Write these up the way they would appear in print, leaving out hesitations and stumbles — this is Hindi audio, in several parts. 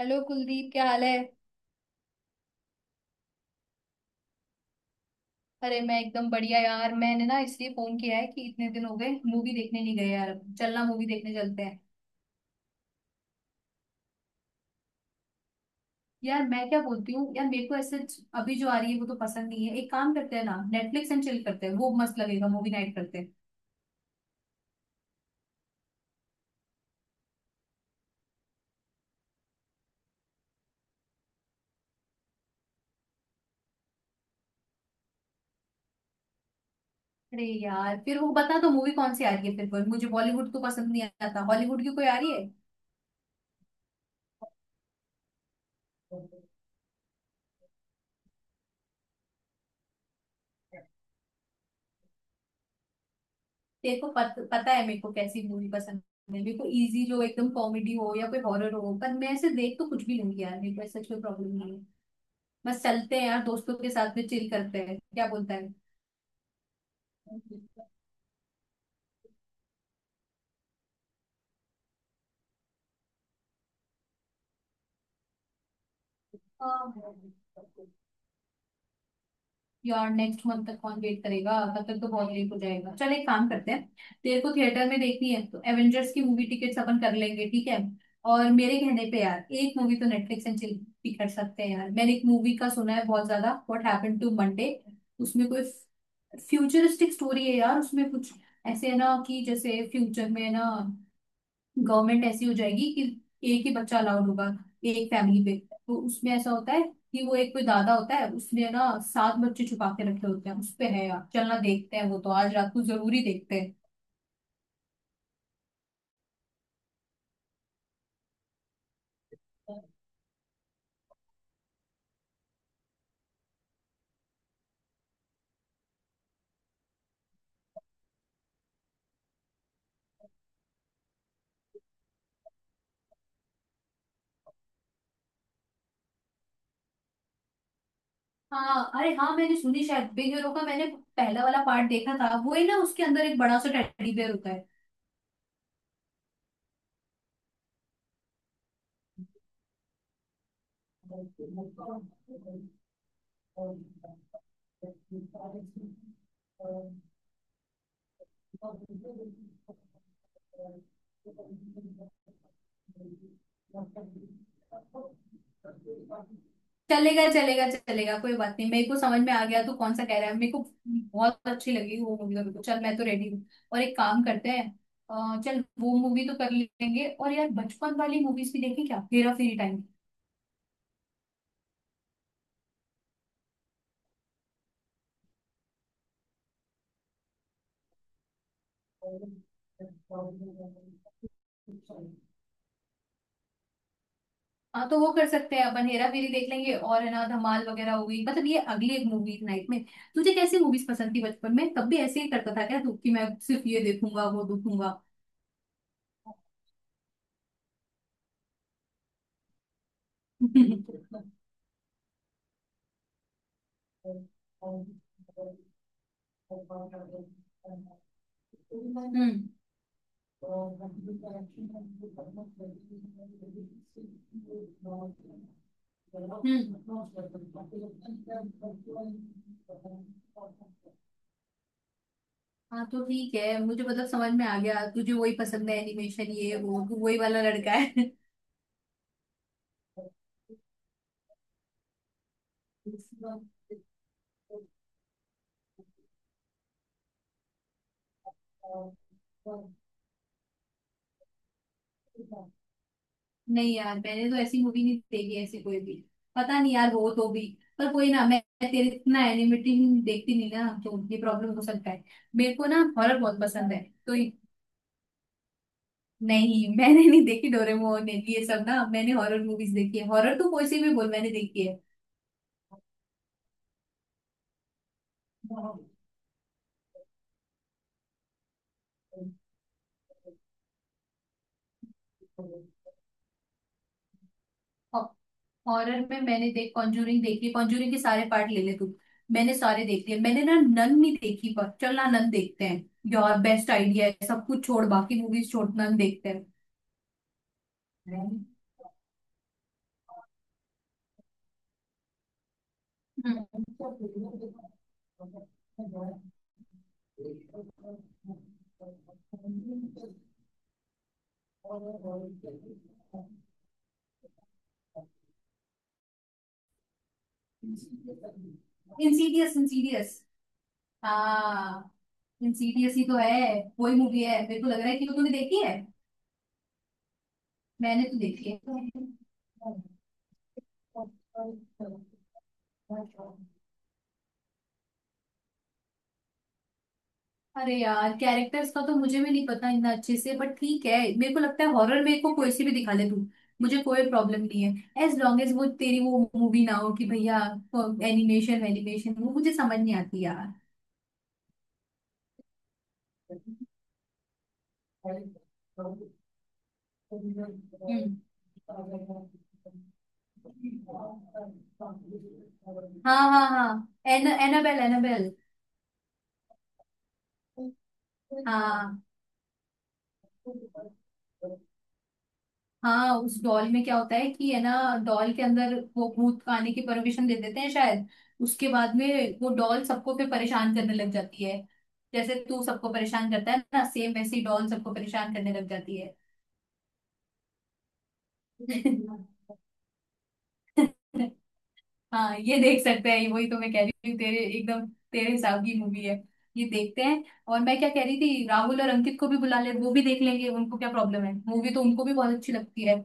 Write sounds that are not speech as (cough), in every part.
हेलो कुलदीप, क्या हाल है। अरे मैं एकदम बढ़िया यार। मैंने ना इसलिए फोन किया है कि इतने दिन हो गए मूवी देखने नहीं गए। यार चलना, मूवी देखने चलते हैं। यार मैं क्या बोलती हूँ यार, मेरे को ऐसे। अभी जो आ रही है वो तो पसंद नहीं है। एक काम करते हैं ना, नेटफ्लिक्स एंड चिल करते हैं। वो मस्त लगेगा, मूवी नाइट करते हैं। अरे यार फिर वो बता दो, मूवी कौन सी आ रही है। फिर वो, मुझे बॉलीवुड तो पसंद नहीं आता, हॉलीवुड की कोई आ रही है। तेरे को पता है मेरे को कैसी मूवी पसंद है। मेरे को इजी, जो एकदम कॉमेडी हो या कोई हॉरर हो। पर मैं ऐसे देख तो कुछ भी लूंगी यार, मेरे को ऐसा कोई प्रॉब्लम नहीं है। बस चलते हैं यार, दोस्तों के साथ में चिल करते हैं, क्या बोलता है। यार नेक्स्ट मंथ तक कौन वेट करेगा, तब तक तो बहुत लेट हो जाएगा। चल एक काम करते हैं। तेरे को थिएटर में देखनी है तो एवेंजर्स की मूवी टिकट्स अपन कर लेंगे, ठीक है। और मेरे कहने पे यार, एक मूवी तो नेटफ्लिक्स एंड चिल भी कर सकते हैं। यार मैंने एक मूवी का सुना है बहुत ज्यादा, व्हाट हैपेंड टू मंडे। उसमें कोई फ्यूचरिस्टिक स्टोरी है यार। उसमें कुछ ऐसे है ना, कि जैसे फ्यूचर में है ना, गवर्नमेंट ऐसी हो जाएगी कि एक ही बच्चा अलाउड होगा एक फैमिली पे। तो उसमें ऐसा होता है कि वो एक कोई दादा होता है, उसने ना सात बच्चे छुपा के रखे होते हैं। उस पे है यार, चलना देखते हैं। वो तो आज रात को जरूरी देखते हैं। हाँ, अरे हाँ मैंने सुनी। शायद बिग हीरो का मैंने पहला वाला पार्ट देखा था, वो ही ना, उसके अंदर एक बड़ा सा टेडी बेयर होता है। चलेगा चलेगा चलेगा, कोई बात नहीं। मेरे को समझ में आ गया तू कौन सा कह रहा है। मेरे को बहुत अच्छी लगी वो मूवी, मेरे को। चल मैं तो रेडी हूँ, और एक काम करते हैं। चल वो मूवी तो कर लेंगे। और यार बचपन वाली मूवीज भी देखें क्या, हेरा फेरी। टाइम। हाँ तो वो कर सकते हैं, अपन हेरा फेरी देख लेंगे, और है ना धमाल वगैरह हो गई, मतलब ये अगली एक मूवी नाइट में। तुझे कैसी मूवीज पसंद थी बचपन में? तब भी ऐसे ही करता था क्या तू, कि मैं सिर्फ ये देखूंगा वो देखूंगा। (laughs) हम्म। हम्म। हाँ तो ठीक है, मुझे मतलब समझ में आ गया तुझे वही पसंद है एनिमेशन ये वो, तू वही वाला लड़का है। नहीं यार, मैंने तो ऐसी मूवी नहीं देखी, ऐसी कोई भी पता नहीं यार हो तो भी। पर कोई ना, मैं तेरे इतना एनिमेटेड देखती नहीं ना, तो ये प्रॉब्लम हो सकता है। मेरे को ना हॉरर बहुत पसंद है। तो ये- नहीं, (laughs) मैंने नहीं देखी डोरेमोन ने ये सब ना, मैंने हॉरर मूवीज देखी है। हॉरर तो कोई सी भी बोल, मैंने देखी है। हॉरर में मैंने देख कॉन्जूरिंग देखी, कॉन्जूरिंग के सारे पार्ट ले ले तू, मैंने सारे देख लिए। मैंने ना नन नहीं देखी, पर चल ना नन देखते हैं। यार बेस्ट आइडिया है, सब कुछ छोड़, बाकी मूवीज छोड़, नन देखते हैं। हम्म। Insidious, Insidious. हाँ इंसीडियस ही तो है, वही मूवी है। मेरे को लग रहा है कि वो तूने देखी है, मैंने तो देखी है। अरे यार, कैरेक्टर्स का तो मुझे भी नहीं पता इतना अच्छे से, बट ठीक है। मेरे को लगता है हॉरर में को कोई सी भी दिखा ले तू, मुझे कोई प्रॉब्लम नहीं है। एज लॉन्ग एज वो तेरी वो मूवी ना हो कि भैया एनिमेशन एनिमेशन, वो मुझे समझ नहीं आती यार। हम्म। हाँ हाँ हाँ। एन एनाबेल, एनाबेल। हाँ। हाँ, उस डॉल में क्या होता है कि है ना, डॉल के अंदर वो भूत आने की परमिशन दे देते हैं शायद। उसके बाद में वो डॉल सबको फिर परेशान करने लग जाती है, जैसे तू सबको परेशान करता है ना, सेम वैसे ही डॉल सबको परेशान करने लग जाती है। (laughs) हाँ ये देख सकते हैं, वही तो मैं कह रही हूँ, तेरे एकदम तेरे हिसाब की मूवी है, ये देखते हैं। और मैं क्या कह रही थी, राहुल और अंकित को भी बुला ले, वो भी देख लेंगे, उनको क्या प्रॉब्लम है, मूवी तो उनको भी बहुत अच्छी लगती है।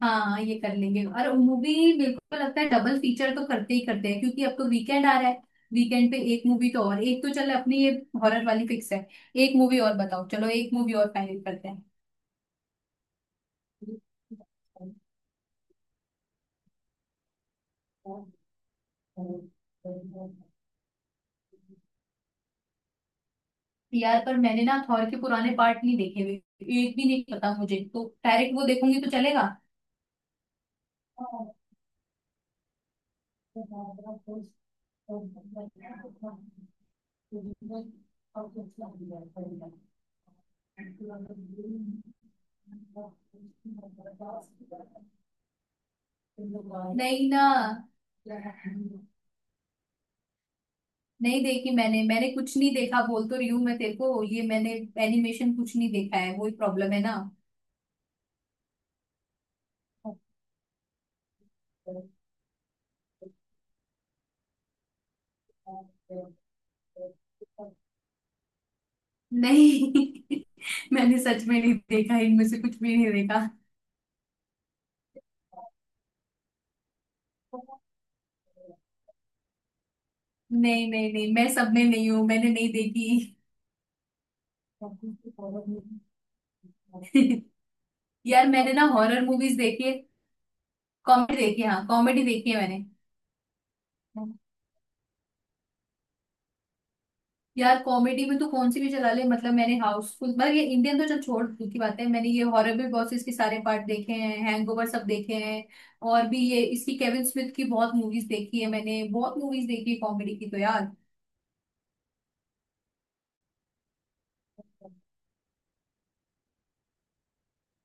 हाँ ये कर लेंगे। और मूवी बिल्कुल लगता है, डबल फीचर तो करते ही करते हैं, क्योंकि अब तो वीकेंड आ रहा है। वीकेंड पे एक मूवी तो, और एक तो, चल अपनी ये हॉरर वाली फिक्स है। एक मूवी और बताओ, चलो एक मूवी और फाइनल करते हैं। यार पर मैंने ना थॉर के पुराने पार्ट नहीं देखे हुए, एक भी नहीं, पता मुझे, तो डायरेक्ट वो देखूंगी तो चलेगा। नहीं ना। नहीं देखी मैंने। मैंने कुछ नहीं देखा, बोल तो रही हूँ मैं तेरे को ये, मैंने एनिमेशन कुछ नहीं देखा है, वही प्रॉब्लम है ना। नहीं, (laughs) मैंने सच में नहीं देखा, इनमें से कुछ भी नहीं देखा। नहीं नहीं नहीं, मैं सब में नहीं हूँ, मैंने नहीं देखी। (laughs) यार मैंने ना हॉरर मूवीज देखी है, कॉमेडी देखी है, हाँ कॉमेडी देखी है मैंने। यार कॉमेडी में तो कौन सी भी चला ले, मतलब मैंने हाउसफुल, मतलब ये इंडियन तो चल छोड़, दूर की बात है, मैंने ये हॉरर भी बहुत से, इसके सारे पार्ट देखे हैं, हैंगओवर सब देखे हैं। और भी ये, इसकी केविन स्मिथ की बहुत मूवीज देखी है मैंने, बहुत मूवीज देखी है कॉमेडी की तो यार।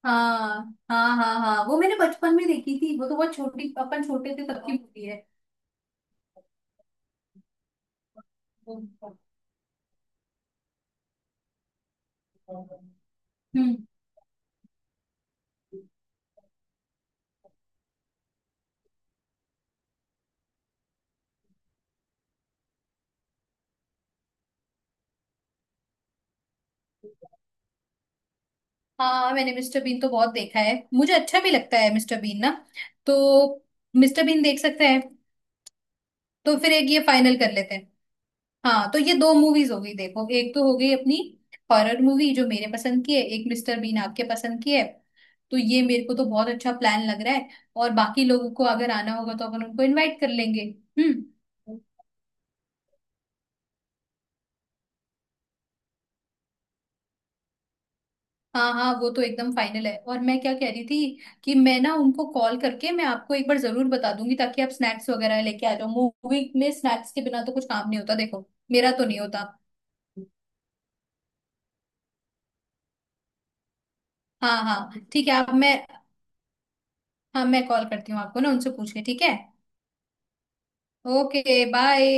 हाँ हाँ हाँ हाँ, वो मैंने बचपन में देखी थी, वो तो बहुत छोटी, अपन छोटे थे तब की मूवी है। हम्म। हाँ, मैंने मिस्टर बीन तो बहुत देखा है, मुझे अच्छा भी लगता है मिस्टर बीन ना। तो मिस्टर बीन देख सकते हैं। तो फिर एक ये फाइनल कर लेते हैं। हाँ तो ये दो मूवीज हो गई, देखो एक तो हो गई अपनी हॉरर मूवी जो मेरे पसंद की है, एक मिस्टर बीन आपके पसंद की है। तो ये मेरे को तो बहुत अच्छा प्लान लग रहा है। और बाकी लोगों को अगर आना होगा तो अपन उनको इनवाइट कर लेंगे। हम्म। हाँ हाँ, वो तो एकदम फाइनल है। और मैं क्या कह रही थी, कि मैं ना उनको कॉल करके मैं आपको एक बार जरूर बता दूंगी, ताकि आप स्नैक्स वगैरह लेके आ जाओ। मूवी में स्नैक्स के बिना तो कुछ काम नहीं होता, देखो मेरा तो नहीं होता। हाँ हाँ ठीक है, आप, मैं। हाँ मैं कॉल करती हूँ आपको ना उनसे पूछ के, ठीक है। Okay bye.